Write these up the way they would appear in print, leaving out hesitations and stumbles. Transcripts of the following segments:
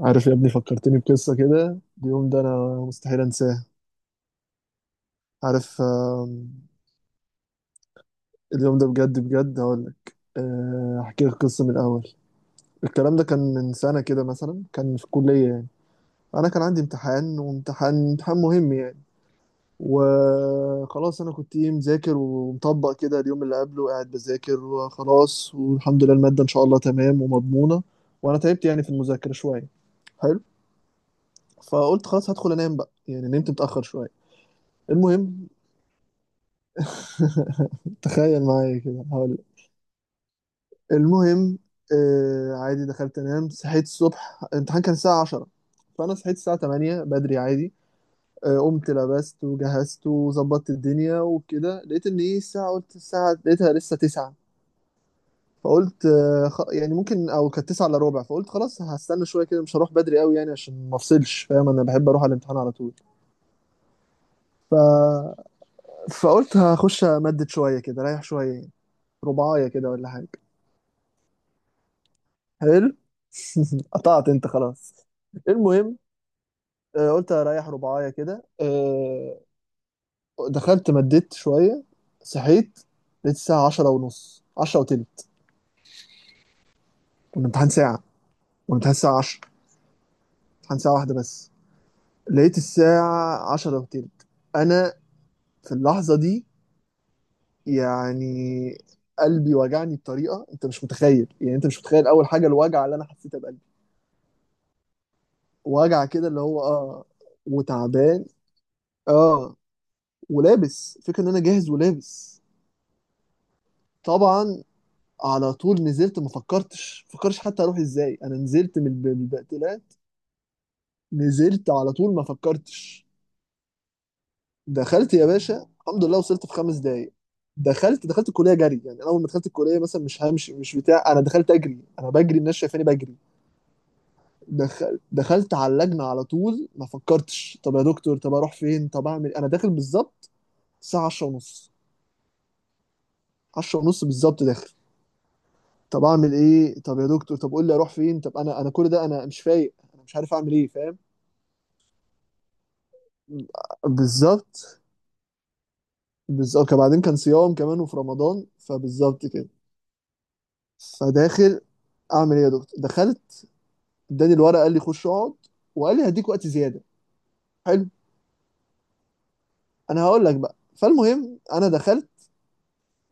عارف يا ابني، فكرتني بقصة كده، اليوم ده أنا مستحيل أنساه. عارف؟ اليوم ده بجد بجد هقولك، أحكي لك قصة من الأول. الكلام ده كان من سنة كده مثلا، كان في الكلية يعني. أنا كان عندي امتحان، وامتحان مهم يعني. وخلاص أنا كنت إيه مذاكر ومطبق كده، اليوم اللي قبله قاعد بذاكر وخلاص، والحمد لله المادة إن شاء الله تمام ومضمونة. وأنا تعبت يعني في المذاكرة شوية. حلو. فقلت خلاص هدخل انام بقى، يعني نمت متأخر شوية. المهم، تخيل معايا كده هقول لك. المهم، آه عادي دخلت انام، صحيت الصبح، الامتحان كان الساعة 10، فانا صحيت الساعة 8 بدري عادي. آه، قمت لبست وجهزت وظبطت الدنيا وكده، لقيت ان ايه الساعة، قلت الساعة، لقيتها لسه 9. فقلت يعني ممكن، او كانت 9 الا ربع. فقلت خلاص هستنى شوية كده، مش هروح بدري قوي يعني عشان ما افصلش، فاهم؟ انا بحب اروح على الامتحان على طول. ف... فقلت هخش امدد شوية كده، رايح شوية يعني، رباعية كده ولا حاجة. حلو. قطعت انت خلاص. المهم، قلت اريح رباعية كده، دخلت مديت شوية، صحيت، لقيت الساعة عشرة ونص، عشرة وتلت. والامتحان ساعة، والامتحان الساعة عشرة، امتحان ساعة واحدة بس. لقيت الساعة عشرة وتلت. أنا في اللحظة دي يعني قلبي وجعني بطريقة أنت مش متخيل يعني. أنت مش متخيل أول حاجة الوجع اللي أنا حسيتها بقلبي، وجع كده اللي هو وتعبان. اه، ولابس، فكرة ان انا جاهز ولابس. طبعا على طول نزلت، ما فكرتش حتى اروح ازاي، انا نزلت من البقتلات. نزلت على طول ما فكرتش. دخلت يا باشا، الحمد لله وصلت في خمس دقايق. دخلت الكليه جري، يعني اول ما دخلت الكليه مثلا مش همشي مش بتاع، انا دخلت اجري، انا بجري، الناس شايفاني بجري. دخلت على اللجنه على طول، ما فكرتش طب يا دكتور طب اروح فين طب اعمل إيه؟ انا داخل بالظبط الساعه 10 ونص، 10 ونص بالظبط داخل. طب اعمل ايه، طب يا دكتور، طب قول لي اروح فين، طب انا كل ده انا مش فايق، انا مش عارف اعمل ايه، فاهم؟ بالظبط بالظبط بعدين كان صيام كمان وفي رمضان، فبالظبط كده. فداخل، اعمل ايه يا دكتور؟ دخلت، اداني الورقه، قال لي خش اقعد، وقال لي هديك وقت زياده. حلو. انا هقول لك بقى، فالمهم انا دخلت،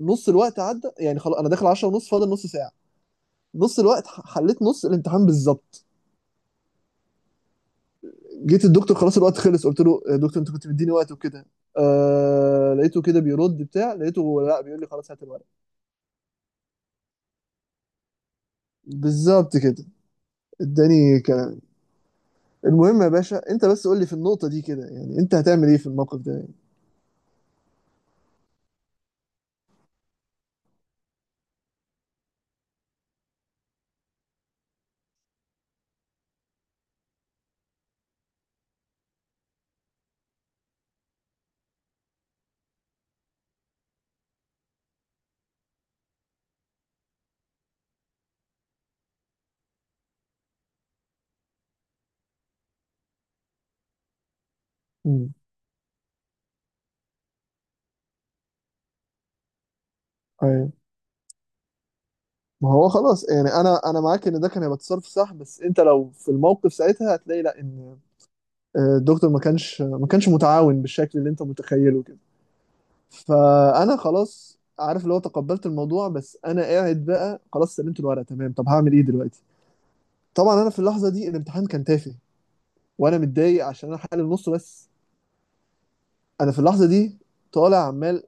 نص الوقت عدى يعني، خلاص انا داخل 10 ونص، فاضل نص ساعه. نص الوقت حليت نص الامتحان بالظبط. جيت الدكتور خلاص الوقت خلص، قلت له يا دكتور انت كنت مديني وقت وكده، لقيته كده بيرد بتاع، لقيته لا بيقول لي خلاص هات الورق. بالظبط كده. اداني كلام. المهم يا باشا، انت بس قول لي في النقطة دي كده يعني، انت هتعمل ايه في الموقف ده يعني؟ امم. ايوه. ما هو خلاص يعني، انا معاك ان ده كان هيبقى تصرف صح، بس انت لو في الموقف ساعتها هتلاقي لا، ان الدكتور ما كانش متعاون بالشكل اللي انت متخيله كده. فانا خلاص، عارف اللي هو، تقبلت الموضوع، بس انا قاعد بقى خلاص، سلمت الورقه تمام، طب هعمل ايه دلوقتي؟ طبعا انا في اللحظه دي الامتحان كان تافه، وانا متضايق عشان انا حالل النص بس. انا في اللحظه دي طالع عمال،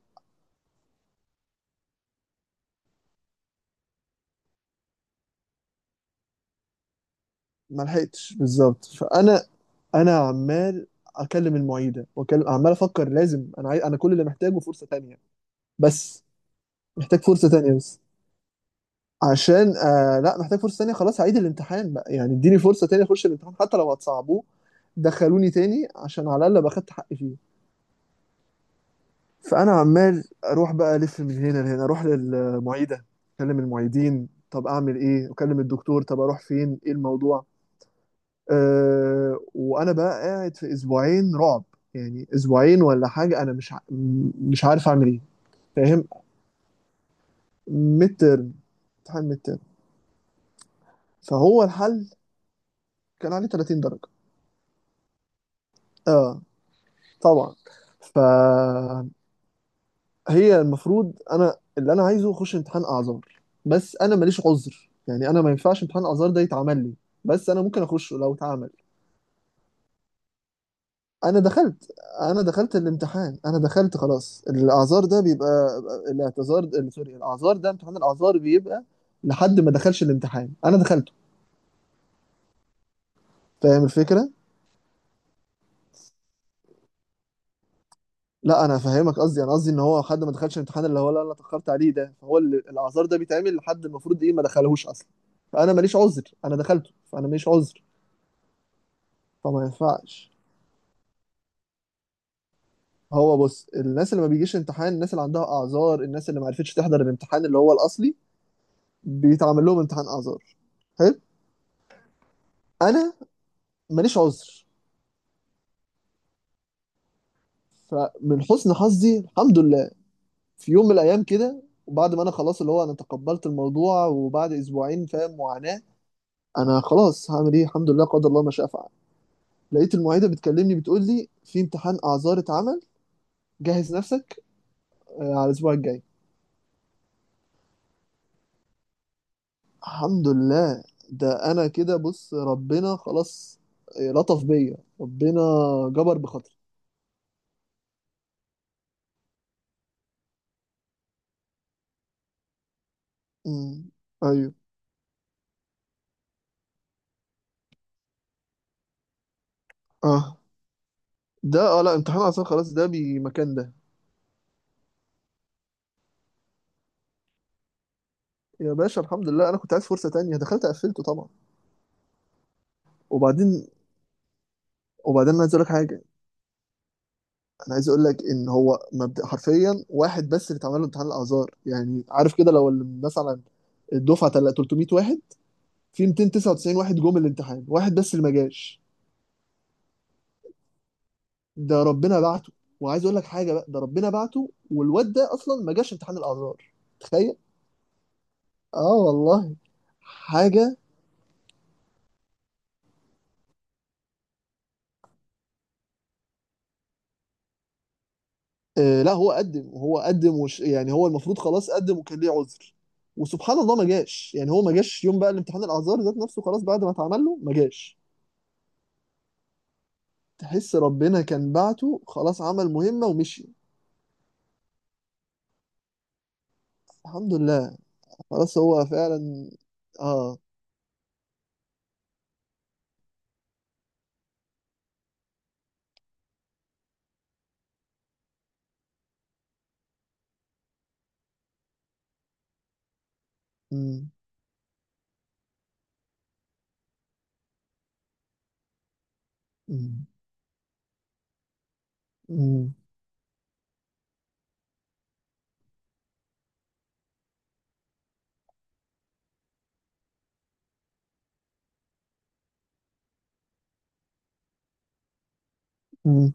ما لحقتش بالظبط. فانا انا عمال اكلم المعيده، واكلم، عمال افكر لازم، انا عايز، انا كل اللي محتاجه فرصه تانية بس. محتاج فرصه تانية بس عشان لا، محتاج فرصة تانية، خلاص هعيد الامتحان بقى يعني، اديني فرصة تانية اخش الامتحان حتى لو هتصعبوه، دخلوني تاني عشان على الاقل باخدت حقي فيه. فانا عمال اروح بقى الف من هنا لهنا، اروح للمعيدة، اكلم المعيدين طب اعمل ايه، اكلم الدكتور طب اروح فين، ايه الموضوع. أه، وانا بقى قاعد في اسبوعين رعب، يعني اسبوعين ولا حاجة، انا مش ع... م- مش عارف اعمل ايه، فاهم؟ ميد ترم، امتحان ميد ترم، فهو الحل. كان عليه 30 درجة. اه، طبعا. فهي المفروض، انا اللي انا عايزه اخش امتحان اعذار، بس انا ماليش عذر يعني، انا ما ينفعش امتحان اعذار ده يتعمل لي، بس انا ممكن اخشه لو اتعمل. انا دخلت، انا دخلت الامتحان، انا دخلت خلاص، الاعذار ده بيبقى، الاعتذار، سوري، الاعذار ده، امتحان الاعذار بيبقى لحد ما دخلش الامتحان، انا دخلته. فاهم الفكرة؟ لا انا فاهمك، قصدي انا قصدي ان هو حد ما دخلش الامتحان اللي هو، لا انا اتاخرت عليه ده، فهو اللي الاعذار ده بيتعمل لحد المفروض ايه، ما دخلهوش اصلا، فانا ماليش عذر، انا دخلته فانا ماليش عذر. فما ينفعش. هو بص، الناس اللي ما بيجيش امتحان، الناس اللي عندها اعذار، الناس اللي ما عرفتش تحضر الامتحان اللي هو الاصلي، بيتعمل لهم امتحان اعذار. حلو. انا ماليش عذر. فمن حسن حظي الحمد لله، في يوم من الايام كده، وبعد ما انا خلاص اللي هو انا تقبلت الموضوع، وبعد اسبوعين فاهم معاناة، انا خلاص هعمل ايه، الحمد لله، قدر الله ما شاء فعل، لقيت المعيده بتكلمني بتقول لي في امتحان اعذار اتعمل، جهز نفسك على الاسبوع الجاي. الحمد لله. ده انا كده بص ربنا خلاص، لطف بيا ربنا، جبر بخاطري. امم. ايوه. اه. ده اه لا، امتحان اعذار خلاص، ده بمكان ده. يا باشا الحمد لله، انا كنت عايز فرصه تانية، دخلت قفلته طبعا. وبعدين، انا عايز اقول لك حاجه. انا عايز اقول لك ان هو مبدأ حرفيا، واحد بس اللي اتعمل له امتحان الاعذار يعني، عارف كده، لو مثلا الدفعه 300 واحد، في 299 واحد جم الامتحان، واحد بس اللي ما جاش. ده ربنا بعته. وعايز اقول لك حاجه بقى، ده ربنا بعته، والواد ده اصلا ما جاش امتحان الاعذار. تخيل. اه والله. حاجه. لا هو قدم، وهو قدم وش يعني، هو المفروض خلاص قدم وكان ليه عذر، وسبحان الله ما جاش، يعني هو ما جاش يوم بقى الامتحان الاعذار ذات نفسه، خلاص بعد ما اتعمل له ما جاش. تحس ربنا كان بعته خلاص، عمل مهمة ومشي. الحمد لله. خلاص هو فعلا. اه. مم. مم. مم. مم.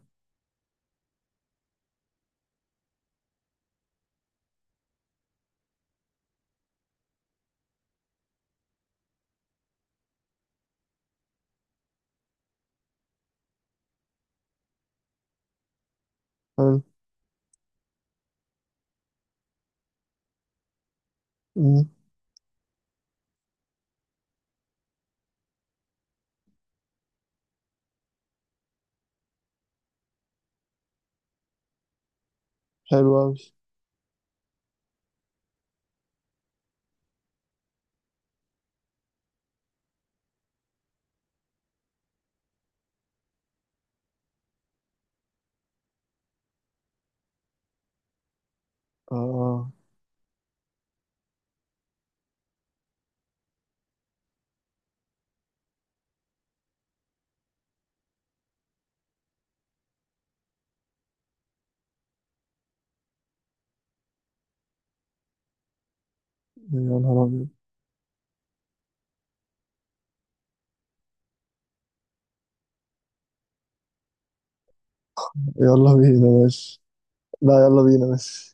حلو. مم. حلو أوي. اه. يا نهار أبيض. يلا بينا ماشي. لا يلا بينا ماشي.